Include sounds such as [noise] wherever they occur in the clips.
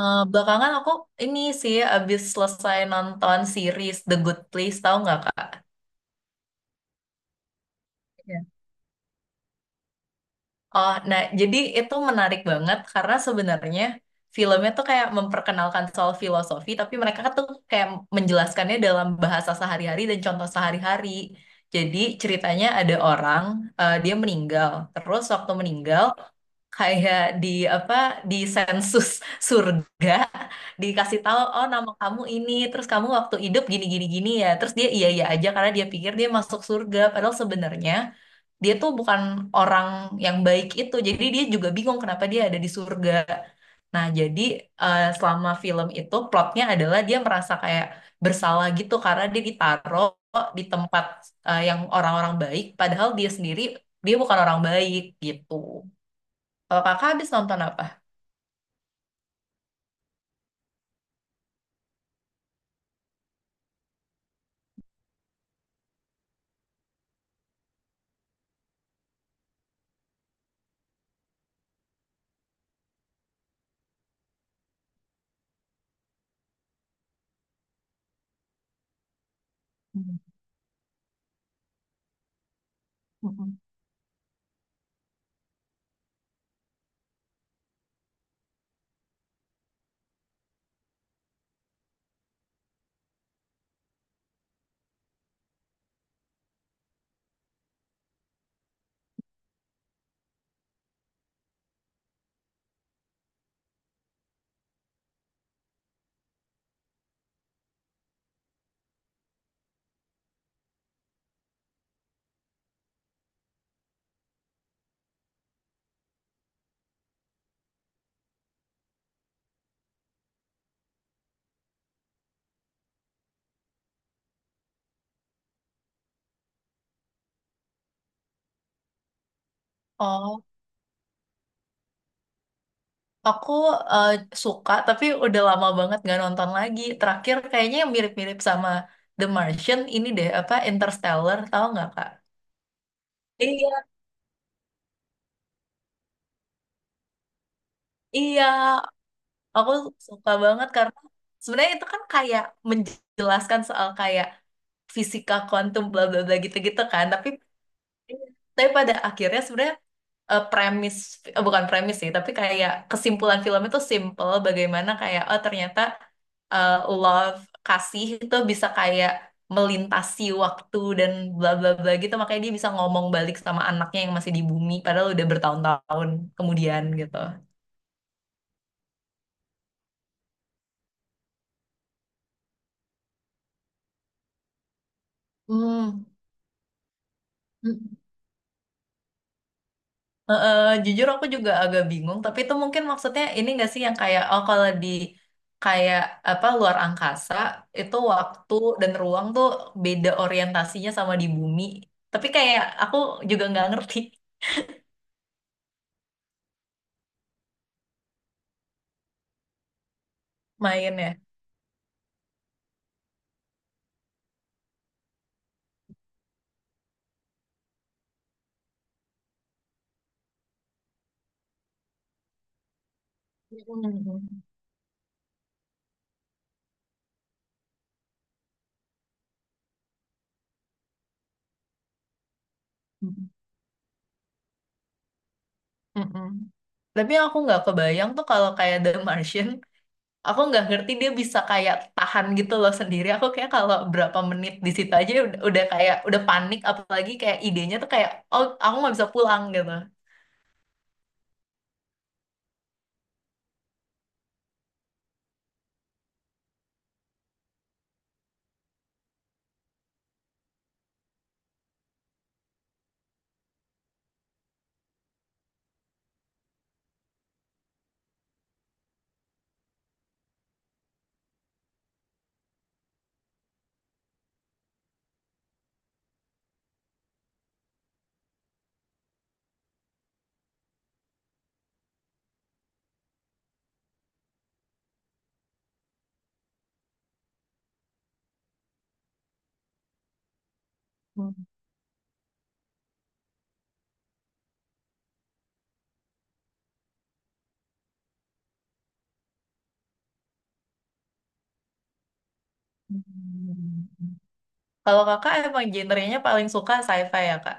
Belakangan aku ini sih abis selesai nonton series The Good Place, tahu nggak Kak? Iya. Oh, nah jadi itu menarik banget karena sebenarnya filmnya tuh kayak memperkenalkan soal filosofi, tapi mereka tuh kayak menjelaskannya dalam bahasa sehari-hari dan contoh sehari-hari. Jadi ceritanya ada orang, dia meninggal. Terus waktu meninggal, kayak di apa di sensus surga dikasih tahu oh nama kamu ini terus kamu waktu hidup gini gini gini ya terus dia iya iya aja karena dia pikir dia masuk surga padahal sebenarnya dia tuh bukan orang yang baik itu jadi dia juga bingung kenapa dia ada di surga nah jadi selama film itu plotnya adalah dia merasa kayak bersalah gitu karena dia ditaruh di tempat yang orang-orang baik padahal dia sendiri dia bukan orang baik gitu. Kalau kakak habis nonton apa? Hmm. Mm-mm. Oh, aku eh, suka tapi udah lama banget gak nonton lagi. Terakhir kayaknya yang mirip-mirip sama The Martian ini deh apa Interstellar tahu nggak kak? Iya, iya, aku suka banget karena sebenarnya itu kan kayak menjelaskan soal kayak fisika kuantum bla bla bla gitu-gitu kan, tapi pada akhirnya sebenarnya premis bukan premis sih tapi kayak kesimpulan film itu simple bagaimana kayak oh ternyata eh, love kasih itu bisa kayak melintasi waktu dan bla bla bla gitu makanya dia bisa ngomong balik sama anaknya yang masih di bumi padahal udah bertahun-tahun kemudian gitu. Oh, heeh, jujur aku juga agak bingung, tapi itu mungkin maksudnya ini nggak sih yang kayak oh kalau di kayak apa luar angkasa itu waktu dan ruang tuh beda orientasinya sama di bumi. Tapi kayak aku juga nggak ngerti [laughs] mainnya. Mm-mm. Mm-mm. Tapi yang aku nggak kebayang tuh kalau kayak The Martian, aku nggak ngerti dia bisa kayak tahan gitu loh sendiri. Aku kayak kalau berapa menit di situ aja udah kayak udah panik, apalagi kayak idenya tuh kayak oh aku nggak bisa pulang gitu. Hmm. Kalau kakak emang genrenya paling suka sci-fi ya kak?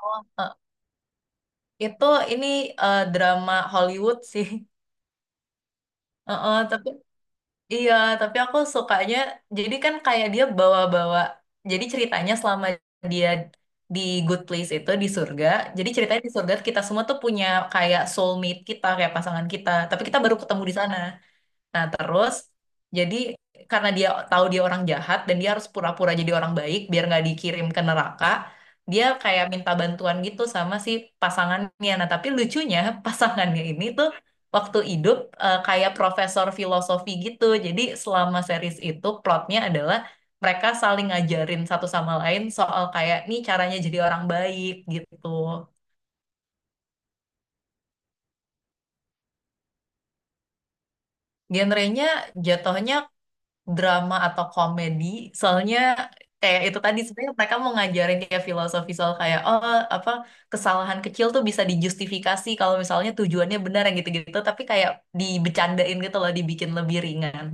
Oh. Itu ini drama Hollywood sih. [laughs] Tapi iya, tapi aku sukanya. Jadi kan kayak dia bawa-bawa. Jadi ceritanya selama dia di Good Place itu di surga. Jadi ceritanya di surga kita semua tuh punya kayak soulmate kita kayak pasangan kita. Tapi kita baru ketemu di sana. Nah, terus jadi karena dia tahu dia orang jahat dan dia harus pura-pura jadi orang baik biar nggak dikirim ke neraka, dia kayak minta bantuan gitu sama si pasangannya. Nah, tapi lucunya [laughs] pasangannya ini tuh waktu hidup kayak profesor filosofi gitu. Jadi selama series itu plotnya adalah mereka saling ngajarin satu sama lain soal kayak nih caranya jadi orang baik gitu. Genrenya jatuhnya drama atau komedi. Soalnya kayak itu tadi sebenarnya mereka mau ngajarin kayak filosofi soal kayak oh apa kesalahan kecil tuh bisa dijustifikasi kalau misalnya tujuannya benar yang gitu-gitu. Tapi kayak dibecandain gitu loh, dibikin lebih ringan.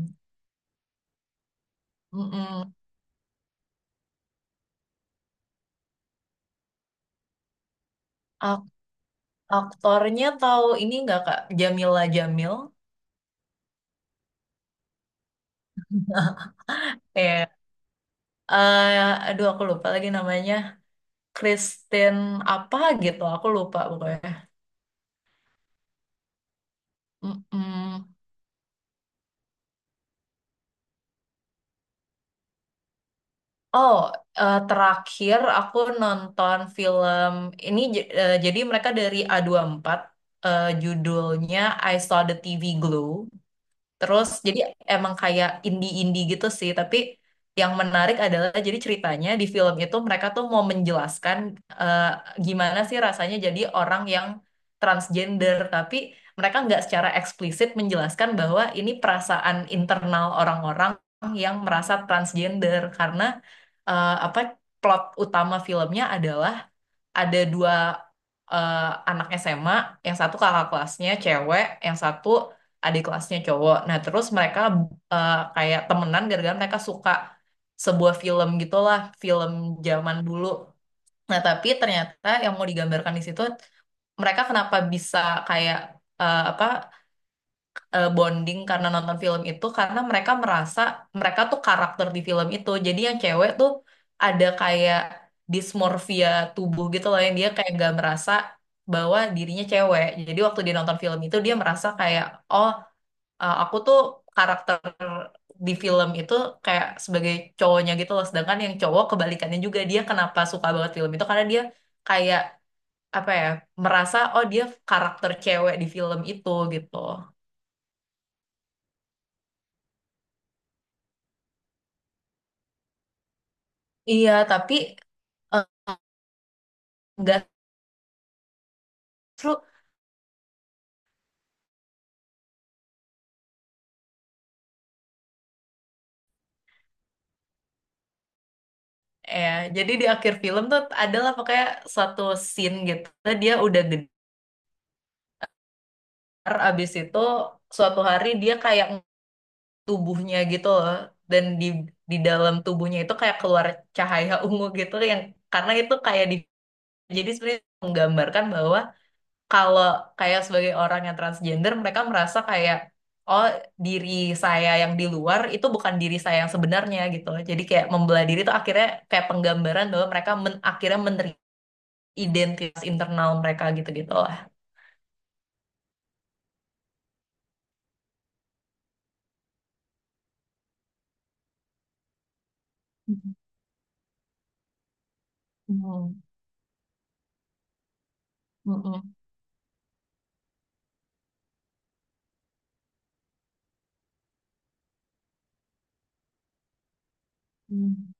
Mm-mm. Ak- Aktornya tahu ini nggak Kak Jamila Jamil? Kayak eh aduh aku lupa lagi namanya. Kristen apa gitu, aku lupa pokoknya. Mm-mm. Oh, terakhir aku nonton film ini jadi mereka dari A24, judulnya I Saw the TV Glow. Terus jadi emang kayak indie-indie gitu sih, tapi yang menarik adalah jadi ceritanya di film itu mereka tuh mau menjelaskan eh, gimana sih rasanya jadi orang yang transgender, tapi mereka nggak secara eksplisit menjelaskan bahwa ini perasaan internal orang-orang yang merasa transgender karena apa plot utama filmnya adalah ada dua eh, anak SMA, yang satu kakak kelasnya cewek, yang satu adik kelasnya cowok. Nah, terus mereka kayak temenan gara-gara mereka suka sebuah film gitulah, film zaman dulu. Nah, tapi ternyata yang mau digambarkan di situ mereka kenapa bisa kayak apa bonding karena nonton film itu karena mereka merasa mereka tuh karakter di film itu. Jadi yang cewek tuh ada kayak dismorfia tubuh gitu loh yang dia kayak nggak merasa bahwa dirinya cewek. Jadi waktu dia nonton film itu dia merasa kayak oh aku tuh karakter di film itu kayak sebagai cowoknya gitu loh. Sedangkan yang cowok kebalikannya juga dia kenapa suka banget film itu karena dia kayak apa ya merasa oh dia karakter cewek di film itu gitu. Iya, tapi enggak seru ya jadi di akhir film tuh adalah pokoknya suatu scene gitu dia udah gedar abis itu suatu hari dia kayak tubuhnya gitu loh dan di dalam tubuhnya itu kayak keluar cahaya [laughs] ungu gitu yang karena itu kayak di jadi sebenarnya menggambarkan bahwa kalau kayak sebagai orang yang transgender mereka merasa kayak oh diri saya yang di luar itu bukan diri saya yang sebenarnya gitu jadi kayak membelah diri itu akhirnya kayak penggambaran bahwa mereka akhirnya menerima identitas internal mereka gitu gitu lah. Hmm. Mm-mm. Mm-mm.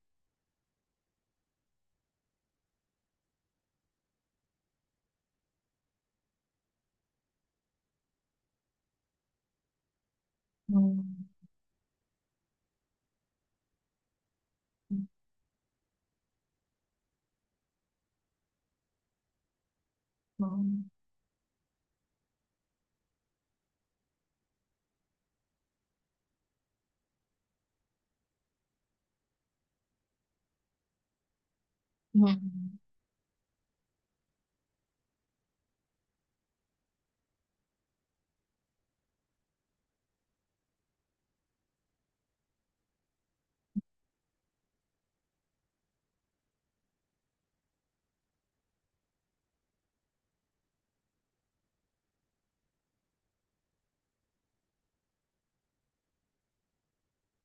Mm-mm.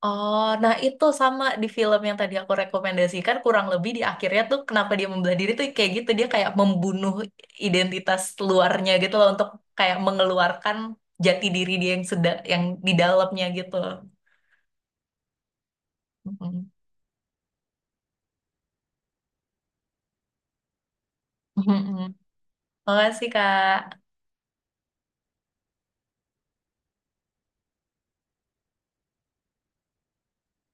Oh, nah itu sama di film yang tadi aku rekomendasikan kurang lebih di akhirnya tuh kenapa dia membelah diri tuh kayak gitu dia kayak membunuh identitas luarnya gitu loh untuk kayak mengeluarkan jati diri dia yang sedang yang di dalamnya gitu. Mm-mm. Mm-mm. Makasih Kak.